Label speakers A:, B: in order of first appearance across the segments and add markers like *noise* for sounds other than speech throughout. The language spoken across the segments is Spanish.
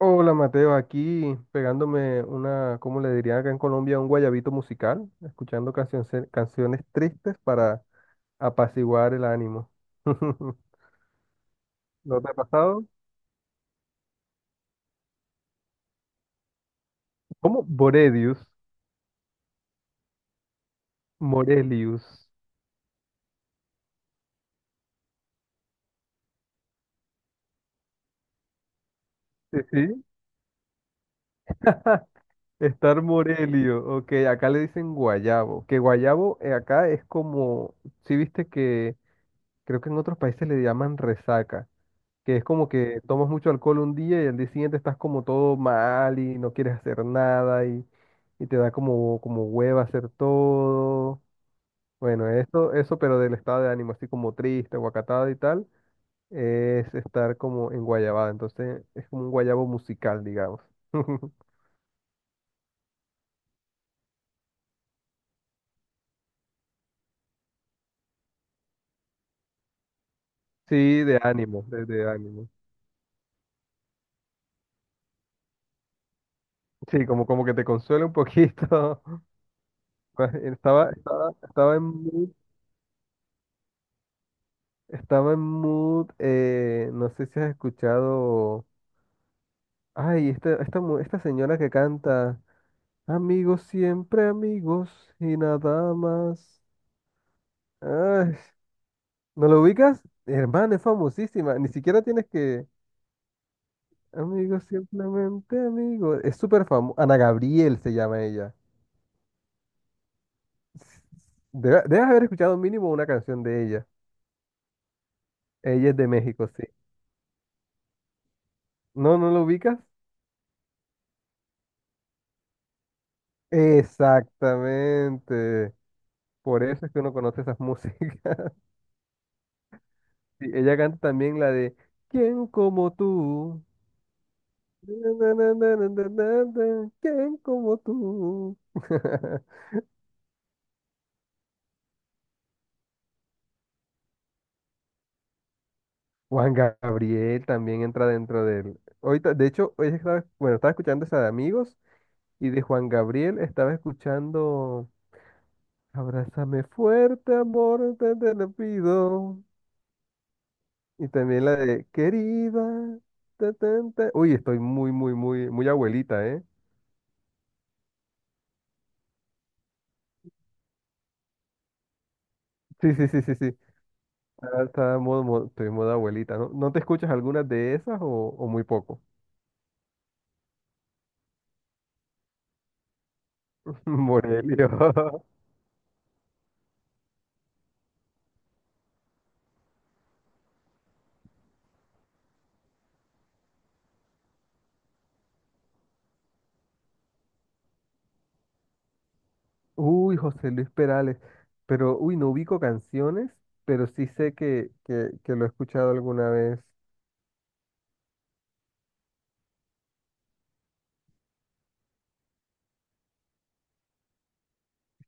A: Hola Mateo, aquí pegándome una, ¿cómo le dirían acá en Colombia? Un guayabito musical, escuchando canciones, canciones tristes para apaciguar el ánimo. *laughs* ¿No te ha pasado? ¿Cómo? Borelius, Morelius. Sí, sí. *laughs* Estar Morelio, ok, acá le dicen guayabo, que guayabo acá es como, si viste que creo que en otros países le llaman resaca, que es como que tomas mucho alcohol un día y al día siguiente estás como todo mal y no quieres hacer nada y, y te da como, como hueva hacer todo. Bueno, eso, pero del estado de ánimo, así como triste, guacatado y tal, es estar como en guayabada. Entonces es como un guayabo musical, digamos. *laughs* Sí, de ánimo, de ánimo. Sí, como, como que te consuela un poquito. *laughs* Pues, estaba en mood, estaba en mood, no sé si has escuchado. Ay, esta señora que canta, amigos siempre amigos y nada más. Ay, ¿no lo ubicas? Hermana, es famosísima. Ni siquiera tienes que... Amigos simplemente amigos. Es súper famosa. Ana Gabriel se llama ella. Debes haber escuchado mínimo una canción de ella. Ella es de México, sí. ¿No, no lo ubicas? Exactamente. Por eso es que uno conoce esas músicas. *laughs* Sí, ella canta también la de ¿Quién como tú? *laughs* ¿Quién como tú? *laughs* Juan Gabriel también entra dentro del... Ahorita, de hecho, hoy estaba, bueno, estaba escuchando esa de Amigos y de Juan Gabriel estaba escuchando Abrázame fuerte, amor, te lo pido. Y también la de Querida. Ta, ta, ta. Uy, estoy muy, muy, muy, muy abuelita, ¿eh? Sí, sí, sí, sí, sí. Ahora está estoy en modo abuelita, ¿no? ¿No te escuchas algunas de esas o muy poco? *laughs* Morelio. Uy, José Luis Perales, pero uy, no ubico canciones, pero sí sé que, que lo he escuchado alguna vez.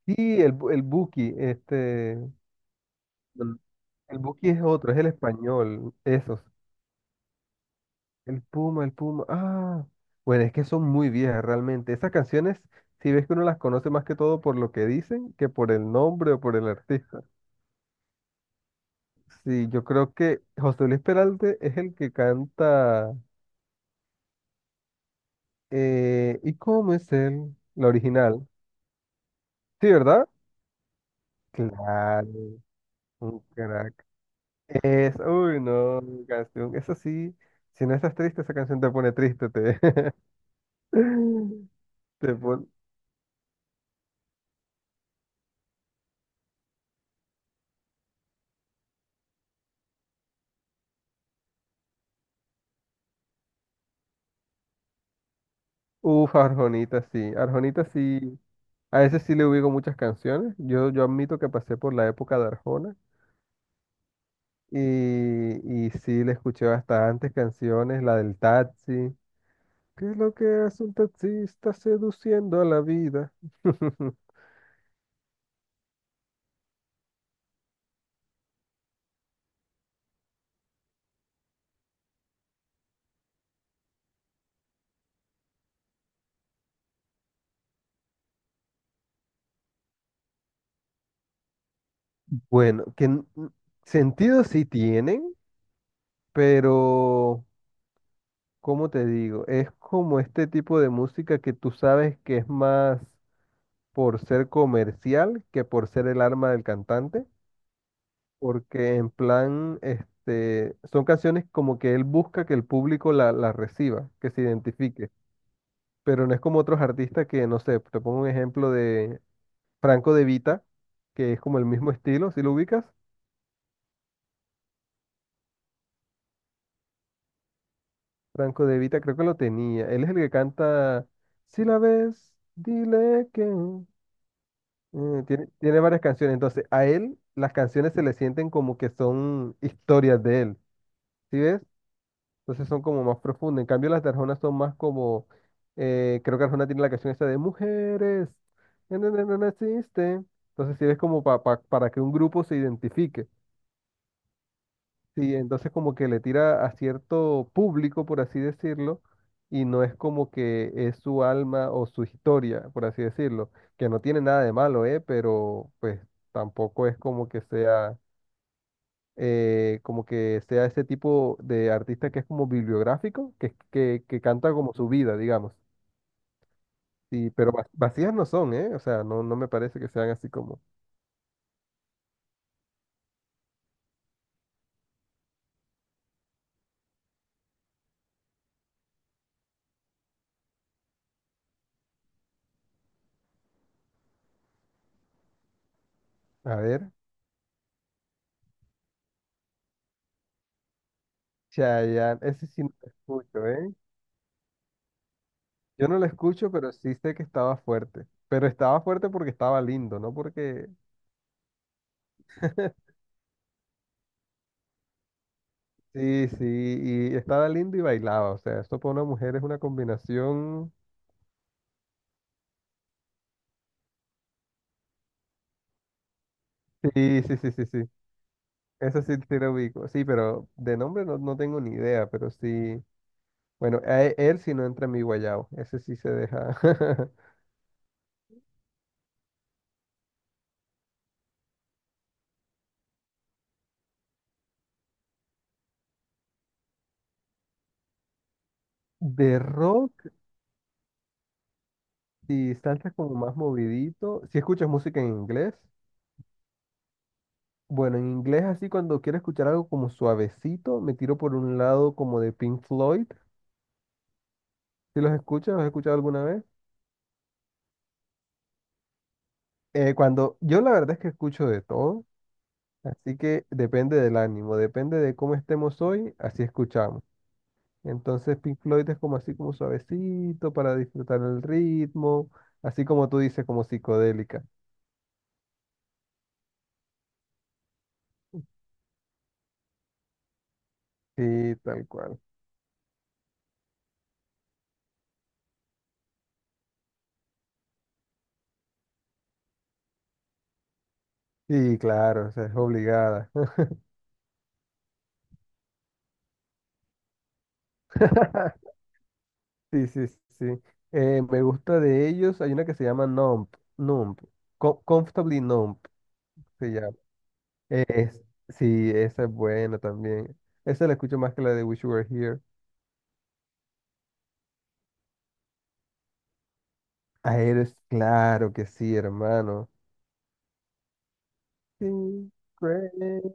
A: Sí, el, el Buki, este, Mm. El Buki es otro, es el español, esos. El Puma, ah, bueno, es que son muy viejas realmente. Esas canciones, si ves que uno las conoce más que todo por lo que dicen que por el nombre o por el artista. Sí, yo creo que José Luis Peralte es el que canta ¿Y cómo es él? La original. Sí, ¿verdad? Claro, un crack. Es, uy, no, canción. Eso sí, si no estás triste, esa canción te pone triste, te, *laughs* te pone. Uf, Arjonita, sí. Arjonita, sí. A ese sí le ubico muchas canciones. Yo admito que pasé por la época de Arjona y sí le escuché bastantes canciones, la del taxi. ¿Qué es lo que hace un taxista seduciendo a la vida? *laughs* Bueno, sentido sí tienen. Pero, ¿cómo te digo? Es como este tipo de música que tú sabes que es más por ser comercial que por ser el arma del cantante, porque en plan, este, son canciones como que él busca que el público la reciba, que se identifique, pero no es como otros artistas que, no sé, te pongo un ejemplo de Franco De Vita, que es como el mismo estilo, si lo ubicas, Franco De Vita creo que lo tenía, él es el que canta, si la ves, dile que... Mm, tiene varias canciones, entonces a él las canciones se le sienten como que son historias de él, ¿sí ves? Entonces son como más profundas. En cambio las de Arjona son más como, creo que Arjona tiene la canción esta de mujeres, no existe. Entonces sí ves como para que un grupo se identifique. Sí, entonces como que le tira a cierto público, por así decirlo, y no es como que es su alma o su historia, por así decirlo, que no tiene nada de malo, ¿eh? Pero pues tampoco es como que sea ese tipo de artista que es como bibliográfico, que canta como su vida, digamos. Sí, pero vacías no son, ¿eh? O sea, no, no me parece que sean así como, a ver, Chayanne, ese sí no lo escucho, ¿eh? Yo no lo escucho, pero sí sé que estaba fuerte. Pero estaba fuerte porque estaba lindo, no porque... *laughs* Sí, sí, y estaba lindo y bailaba. O sea, esto para una mujer es una combinación... Sí, sí, sí, sí, sí. Eso sí, sí lo ubico. Sí, pero de nombre no, no tengo ni idea, pero sí... Bueno, a él sí no entra en mi guayabo. Ese sí se deja. *laughs* De rock, si saltas como más movidito, si escuchas música en inglés, bueno, en inglés así cuando quiero escuchar algo como suavecito, me tiro por un lado como de Pink Floyd. Si los escuchas, ¿los has escuchado alguna vez? Cuando yo la verdad es que escucho de todo, así que depende del ánimo, depende de cómo estemos hoy, así escuchamos. Entonces Pink Floyd es como así como suavecito para disfrutar el ritmo, así como tú dices, como psicodélica. Sí, tal cual. Sí, claro, o sea, es obligada. *laughs* Sí, sí, sí, sí. Me gusta de ellos. Hay una que se llama Nump. Nump. Comfortably Numb se llama. Es, sí, esa es buena también. Esa la escucho más que la de Wish You Were Here. A eres claro que sí, hermano. Sí, crazy.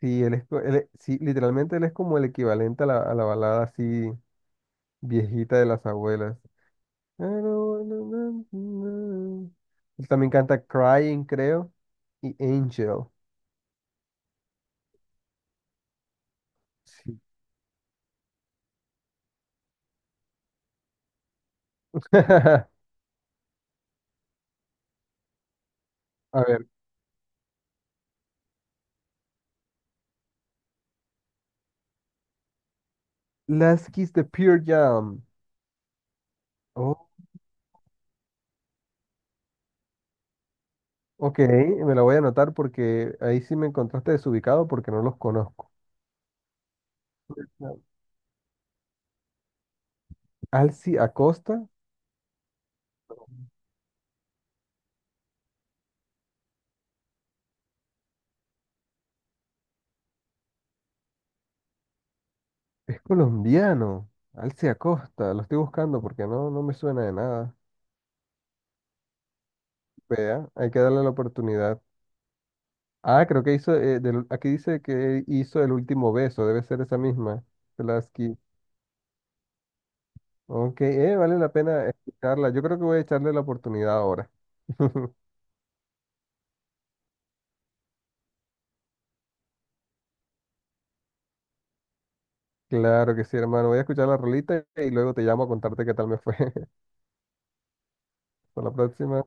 A: Sí, él es, él sí, literalmente él es como el equivalente a la balada así viejita de las abuelas. I don't wanna- Él también canta Crying, creo, y Angel. Sí. *laughs* A ver, Last Kiss de Pure Jam. Oh, ok, me la voy a anotar porque ahí sí me encontraste desubicado porque no los conozco. Alci Acosta es colombiano. Alci Acosta, lo estoy buscando porque no, no me suena de nada. Vea, hay que darle la oportunidad. Ah, creo que hizo, aquí dice que hizo el último beso, debe ser esa misma, de Last Kiss. Ok, vale la pena escucharla. Yo creo que voy a echarle la oportunidad ahora. *laughs* Claro que sí, hermano. Voy a escuchar la rolita y luego te llamo a contarte qué tal me fue. *laughs* Hasta la próxima.